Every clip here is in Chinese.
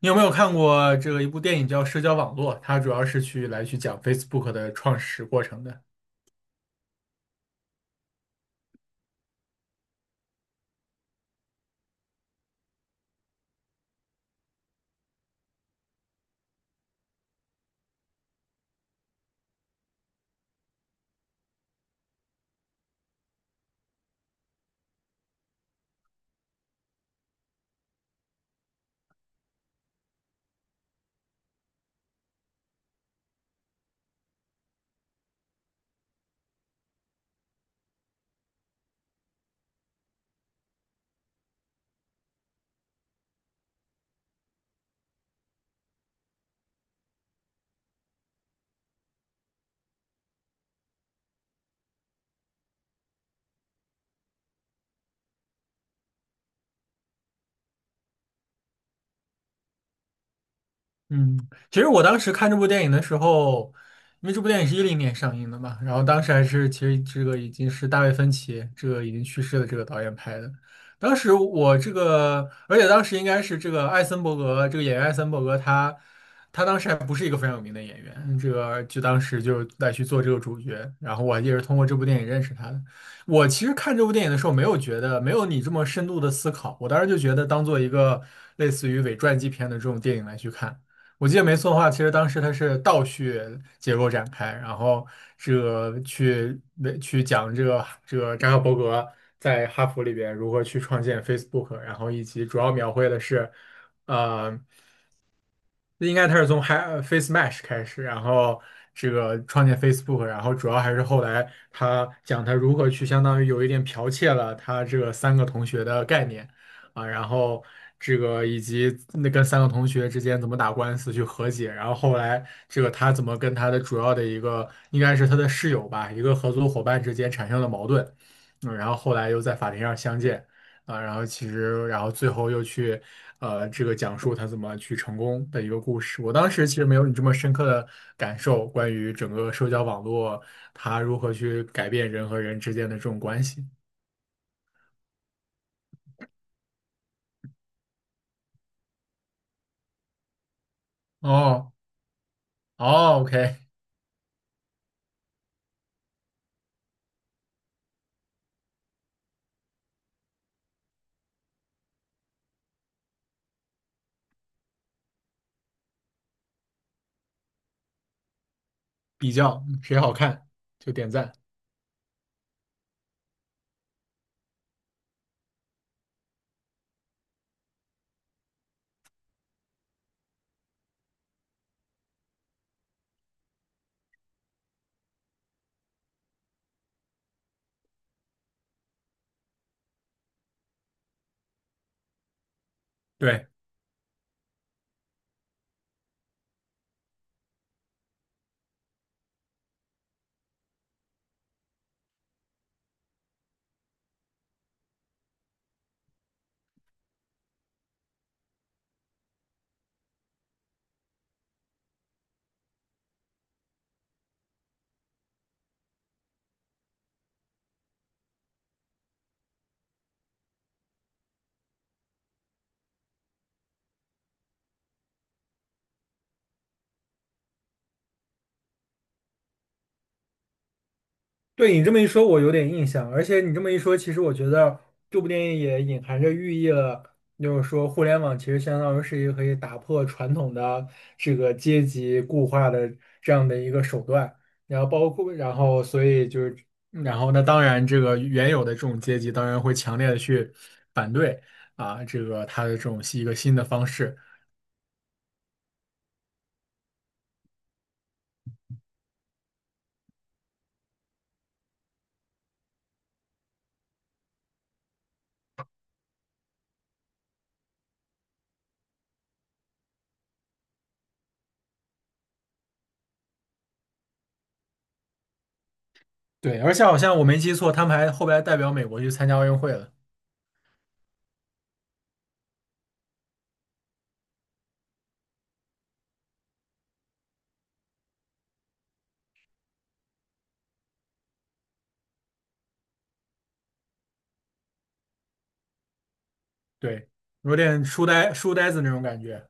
你有没有看过这个一部电影叫《社交网络》？它主要是去来去讲 Facebook 的创始过程的。嗯，其实我当时看这部电影的时候，因为这部电影是10年上映的嘛，然后当时还是其实这个已经是大卫芬奇这个已经去世的这个导演拍的。当时我这个，而且当时应该是这个艾森伯格这个演员艾森伯格他当时还不是一个非常有名的演员，这个就当时就来去做这个主角，然后我也是通过这部电影认识他的。我其实看这部电影的时候，没有觉得没有你这么深度的思考，我当时就觉得当做一个类似于伪传记片的这种电影来去看。我记得没错的话，其实当时它是倒叙结构展开，然后这个去为去讲这个扎克伯格在哈佛里边如何去创建 Facebook，然后以及主要描绘的是，呃，应该他是从 Face Mesh 开始，然后这个创建 Facebook，然后主要还是后来他讲他如何去相当于有一点剽窃了他这个三个同学的概念。啊，然后这个以及那跟三个同学之间怎么打官司去和解，然后后来这个他怎么跟他的主要的一个应该是他的室友吧，一个合作伙伴之间产生了矛盾，嗯，然后后来又在法庭上相见，啊，然后其实然后最后又去这个讲述他怎么去成功的一个故事。我当时其实没有你这么深刻的感受，关于整个社交网络它如何去改变人和人之间的这种关系。哦哦，OK。比较谁好看就点赞。对，对你这么一说，我有点印象。而且你这么一说，其实我觉得这部电影也隐含着寓意了，就是说互联网其实相当于是一个可以打破传统的这个阶级固化的这样的一个手段。然后包括，然后所以就是，然后那当然这个原有的这种阶级当然会强烈的去反对啊，这个他的这种是一个新的方式。对，而且好像我没记错，他们还后来代表美国去参加奥运会了。对，有点书呆子那种感觉。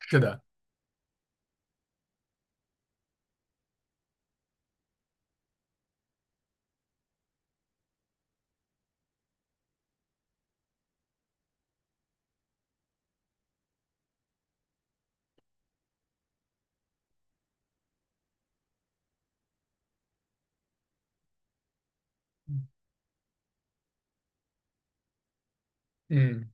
是的，嗯。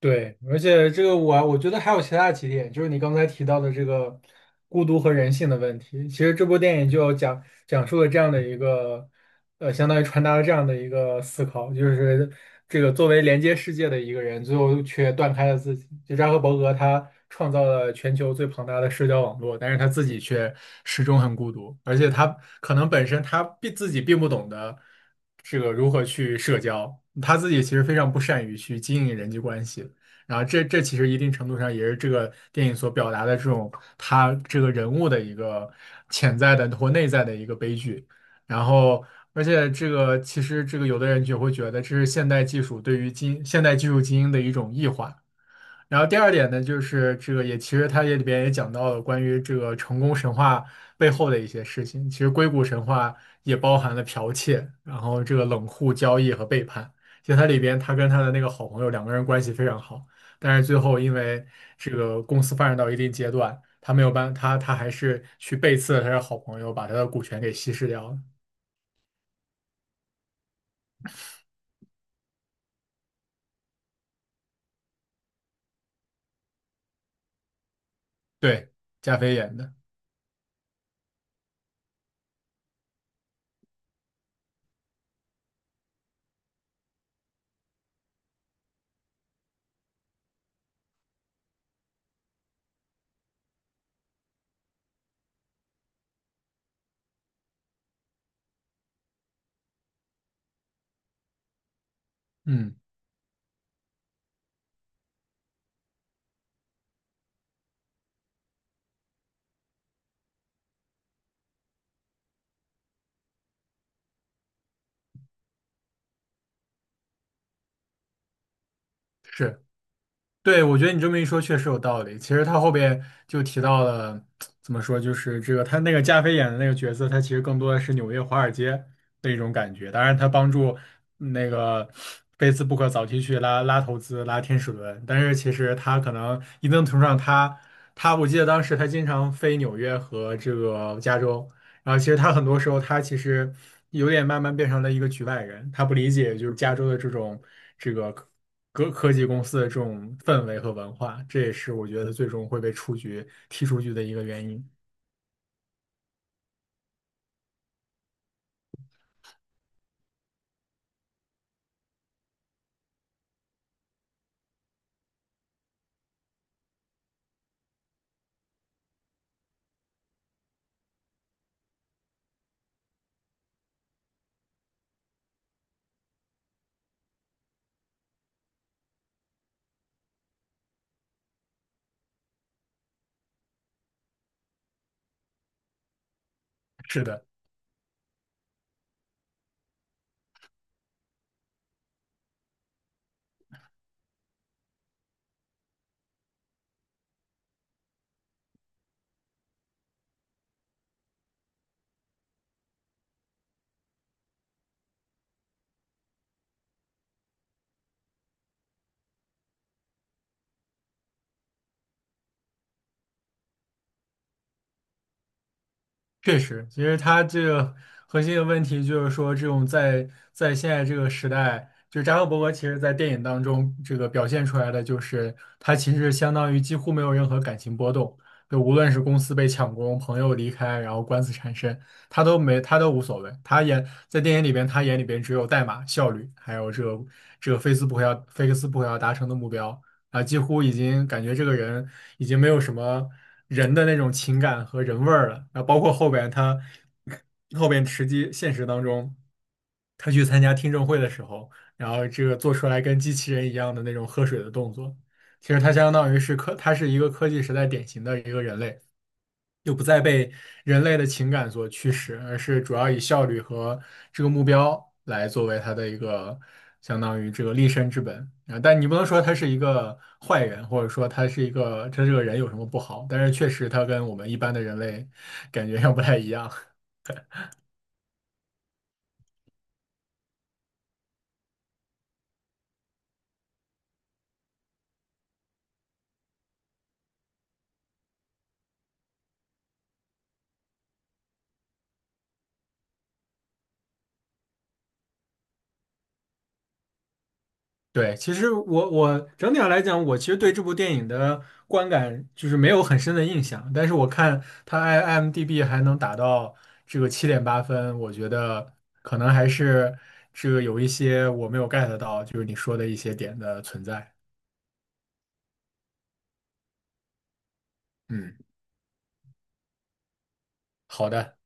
对，而且这个我觉得还有其他几点，就是你刚才提到的这个孤独和人性的问题。其实这部电影就有讲述了这样的一个，相当于传达了这样的一个思考，就是这个作为连接世界的一个人，最后却断开了自己。就扎克伯格他创造了全球最庞大的社交网络，但是他自己却始终很孤独，而且他可能本身他并自己并不懂得这个如何去社交，他自己其实非常不善于去经营人际关系。然后这其实一定程度上也是这个电影所表达的这种他这个人物的一个潜在的或内在的一个悲剧。然后，而且这个其实这个有的人就会觉得这是现代技术对于现代技术精英的一种异化。然后第二点呢，就是这个也其实他也里边也讲到了关于这个成功神话背后的一些事情。其实硅谷神话也包含了剽窃，然后这个冷酷交易和背叛。其实他里边他跟他的那个好朋友两个人关系非常好，但是最后因为这个公司发展到一定阶段，他没有办他他还是去背刺了他的好朋友，把他的股权给稀释掉了。对，加菲演的，嗯，是。对，我觉得你这么一说确实有道理。其实他后边就提到了，怎么说，就是这个他那个加菲演的那个角色，他其实更多的是纽约华尔街的一种感觉。当然，他帮助那个 Facebook 早期去拉投资、拉天使轮，但是其实他可能一定程度上他，我记得当时他经常飞纽约和这个加州，然后其实他很多时候他其实有点慢慢变成了一个局外人，他不理解就是加州的这种这个科科技公司的这种氛围和文化，这也是我觉得他最终会被踢出局的一个原因。是的。确实，其实它这个核心的问题就是说，这种在现在这个时代，就扎克伯格其实在电影当中这个表现出来的，就是他其实相当于几乎没有任何感情波动，就无论是公司被抢功、朋友离开，然后官司缠身，他都无所谓。在电影里边，他眼里边只有代码、效率，还有这个菲克斯不可要达成的目标。啊，几乎已经感觉这个人已经没有什么人的那种情感和人味儿了。啊，包括后边现实当中，他去参加听证会的时候，然后这个做出来跟机器人一样的那种喝水的动作，其实他相当于是，他是一个科技时代典型的一个人类。又不再被人类的情感所驱使，而是主要以效率和这个目标来作为他的一个相当于这个立身之本啊。但你不能说他是一个坏人，或者说他是一个他这个人有什么不好，但是确实他跟我们一般的人类感觉要不太一样。对，其实我整体上来讲，我其实对这部电影的观感就是没有很深的印象，但是我看它 IMDB 还能打到这个7.8分，我觉得可能还是这个有一些我没有 get 到，就是你说的一些点的存在。嗯，好的。